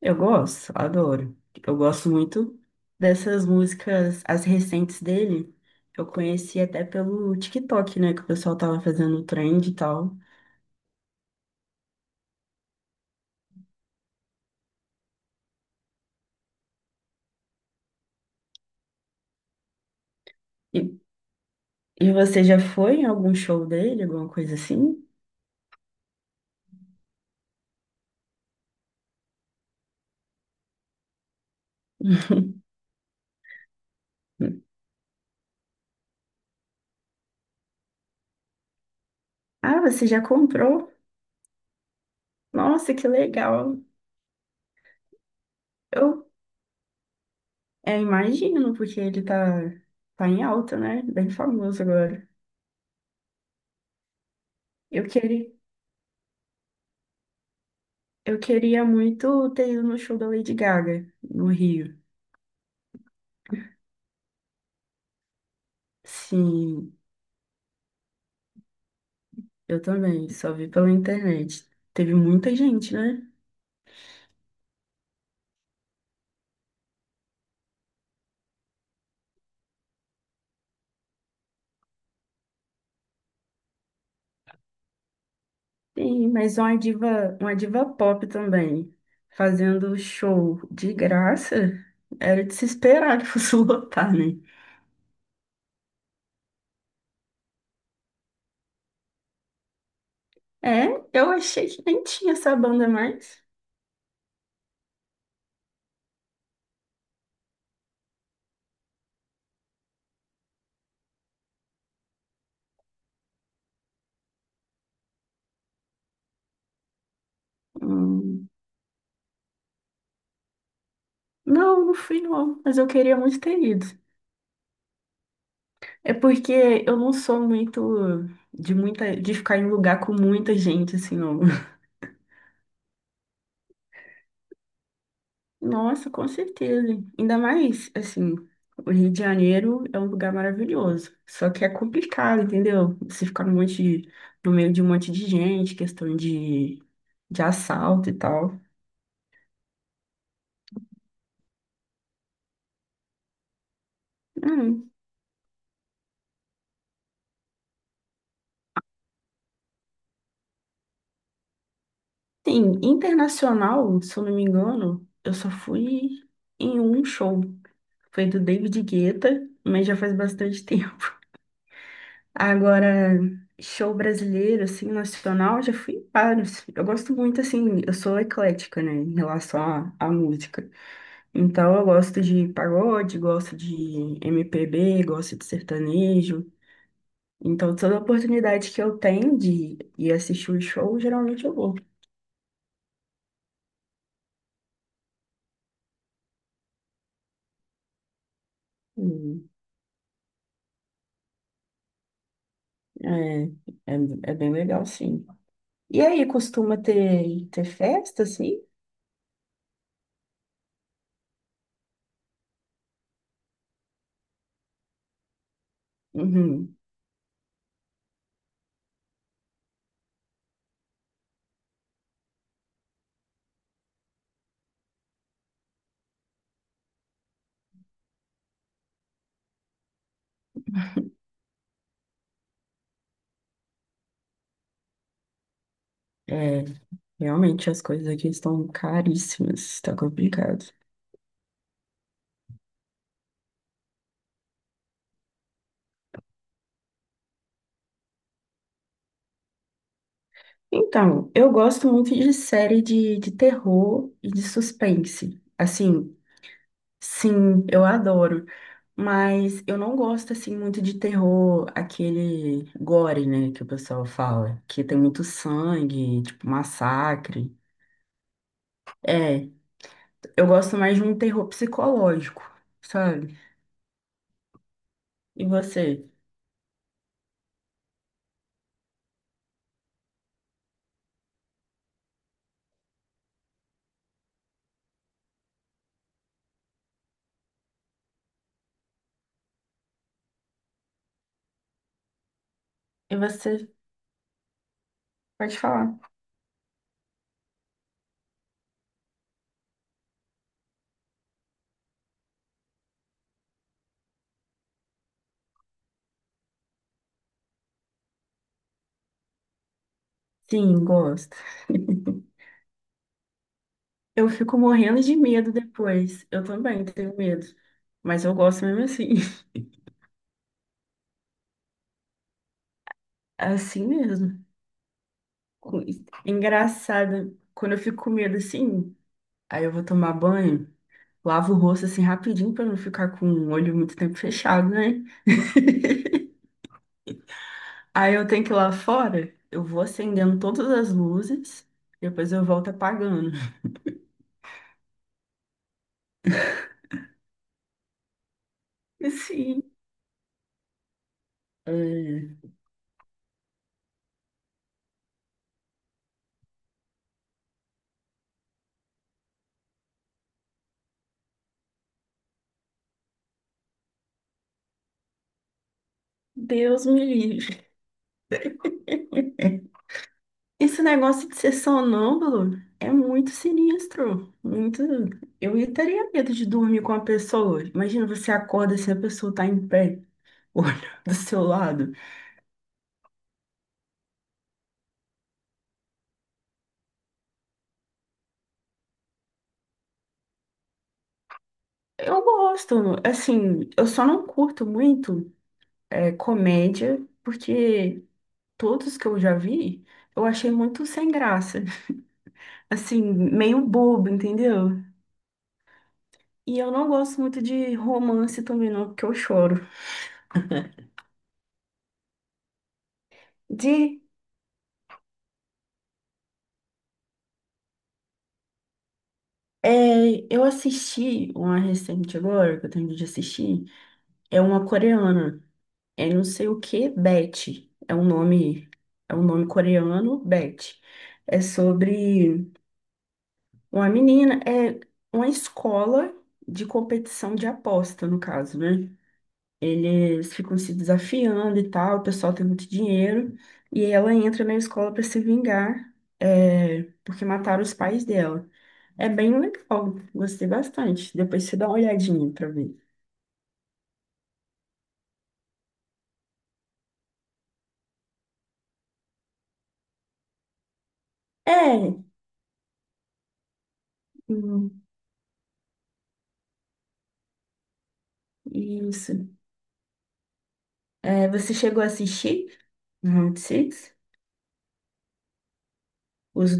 Eu gosto, adoro. Eu gosto muito dessas músicas, as recentes dele. Eu conheci até pelo TikTok, né? Que o pessoal tava fazendo trend e tal. E, e você já foi em algum show dele, alguma coisa assim? Ah, você já comprou? Nossa, que legal. Eu, Imagino, porque ele tá em alta, né? Bem famoso agora. Eu queria, eu queria muito ter ido no show da Lady Gaga, no Rio. Sim. Eu também, só vi pela internet. Teve muita gente, né? Sim, mas uma diva pop também, fazendo show de graça, era de se esperar que fosse lotar, né? É, eu achei que nem tinha essa banda mais. Hum, não, não fui não, mas eu queria muito ter ido. É porque eu não sou muito de ficar em lugar com muita gente assim, não. Nossa, com certeza. Ainda mais, assim, o Rio de Janeiro é um lugar maravilhoso. Só que é complicado, entendeu? Você ficar no meio de um monte de gente, de assalto e tal. Hum. Sim, internacional, se eu não me engano, eu só fui em um show. Foi do David Guetta, mas já faz bastante tempo. Agora, show brasileiro, assim, nacional, já fui em vários. Eu gosto muito, assim, eu sou eclética, né, em relação à música. Então, eu gosto de pagode, gosto de MPB, gosto de sertanejo. Então, toda oportunidade que eu tenho de ir assistir o show, geralmente eu vou. Hum. É, é, É bem legal, sim. E aí, costuma ter, ter festa, assim? Uhum. É, realmente as coisas aqui estão caríssimas, tá complicado. Então, eu gosto muito de série de terror e de suspense. Assim, sim, eu adoro. Mas eu não gosto, assim, muito de terror, aquele gore, né, que o pessoal fala. Que tem muito sangue, tipo, massacre. É, eu gosto mais de um terror psicológico, sabe? E você? E você pode falar. Sim, gosto. Eu fico morrendo de medo depois. Eu também tenho medo. Mas eu gosto mesmo assim. Assim mesmo. Engraçado. Quando eu fico com medo assim, aí eu vou tomar banho, lavo o rosto assim rapidinho pra não ficar com o olho muito tempo fechado, né? Aí eu tenho que ir lá fora, eu vou acendendo todas as luzes, depois eu volto apagando. E sim é, Deus me livre. Esse negócio de ser sonâmbulo é muito sinistro. Muito. Eu teria medo de dormir com a pessoa. Imagina, você acorda assim, a pessoa tá em pé. Olho do seu lado. Eu gosto, assim, eu só não curto muito comédia, porque todos que eu já vi, eu achei muito sem graça, assim, meio bobo, entendeu? E eu não gosto muito de romance também não, porque eu choro. De, eu assisti uma recente agora, que eu tenho de assistir, é uma coreana, é não sei o que, Betty, é um nome coreano, Betty. É sobre uma menina, é uma escola de competição de aposta, no caso, né? Eles ficam se desafiando e tal, o pessoal tem muito dinheiro, e ela entra na escola para se vingar, é, porque mataram os pais dela. É bem legal, gostei bastante. Depois você dá uma olhadinha para ver. É, hum, isso. É, você chegou a assistir Round Six? Os...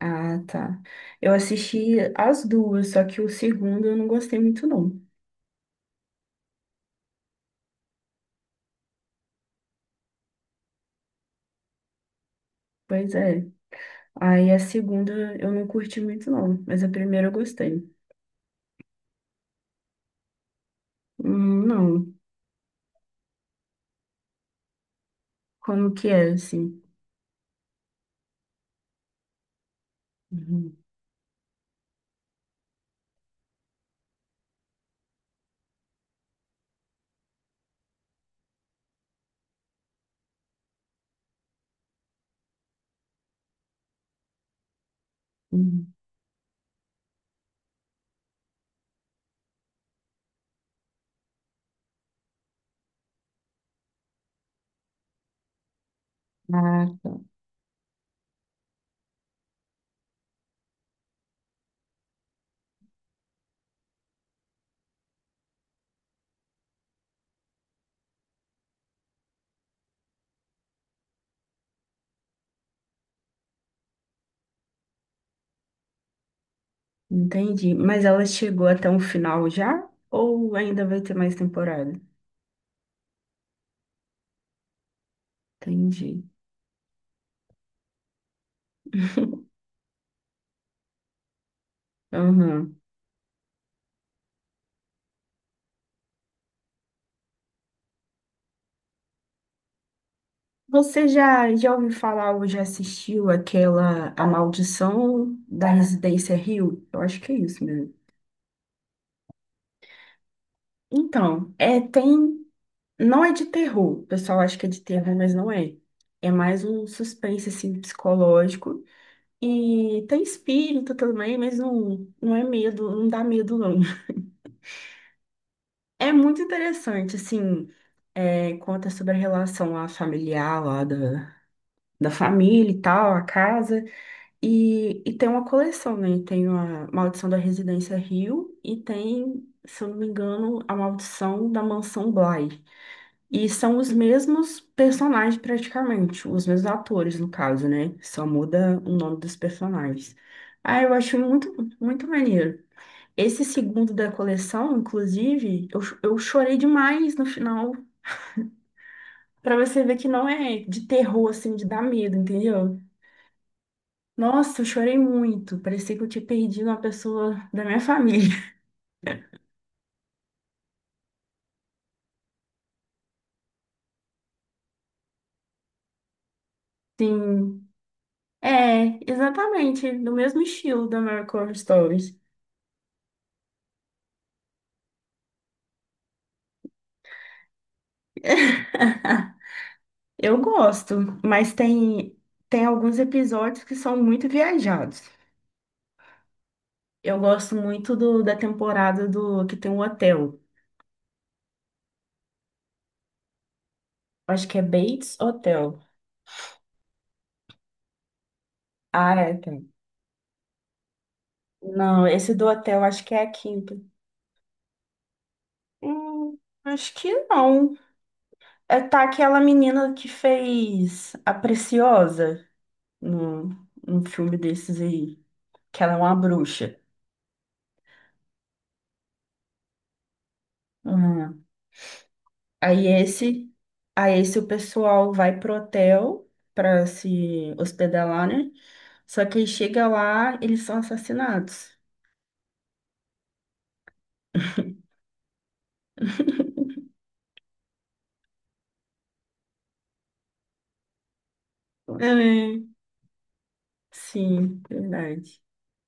Ah, tá. Eu assisti as duas, só que o segundo eu não gostei muito, não. Pois é. Aí a segunda eu não curti muito, não. Mas a primeira eu gostei. Não. Como que é, assim? Uhum, uhum. Ah, tá. Entendi. Mas ela chegou até um final já? Ou ainda vai ter mais temporada? Entendi. Uhum. Você já, já ouviu falar ou já assistiu aquela A Maldição da Residência Rio? Eu acho que é isso mesmo. Então, é, tem. Não é de terror, o pessoal acha que é de terror, mas não é. É mais um suspense, assim, psicológico. E tem espírito também, mas não, não é medo, não dá medo, não. É muito interessante, assim, é, conta sobre a relação lá familiar, da família e tal, a casa. E tem uma coleção, né? Tem a Maldição da Residência Rio e tem, se eu não me engano, a Maldição da Mansão Bly. E são os mesmos personagens praticamente, os mesmos atores no caso, né? Só muda o nome dos personagens. Ah, eu acho muito, muito maneiro. Esse segundo da coleção, inclusive, eu chorei demais no final. Pra você ver que não é de terror, assim, de dar medo, entendeu? Nossa, eu chorei muito. Parecia que eu tinha perdido uma pessoa da minha família. Sim, é, exatamente, do mesmo estilo da American Horror Stories. Eu gosto, mas tem alguns episódios que são muito viajados. Eu gosto muito da temporada do que tem um hotel. Acho que é Bates Hotel. Ah, é, tem. Não, esse do hotel acho que é a quinta. Hum, acho que não. É, tá aquela menina que fez a Preciosa no, no filme desses aí, que ela é uma bruxa. Aí esse, aí esse o pessoal vai pro hotel para se hospedar lá, né? Só que aí chega lá, eles são assassinados. É. Sim, verdade.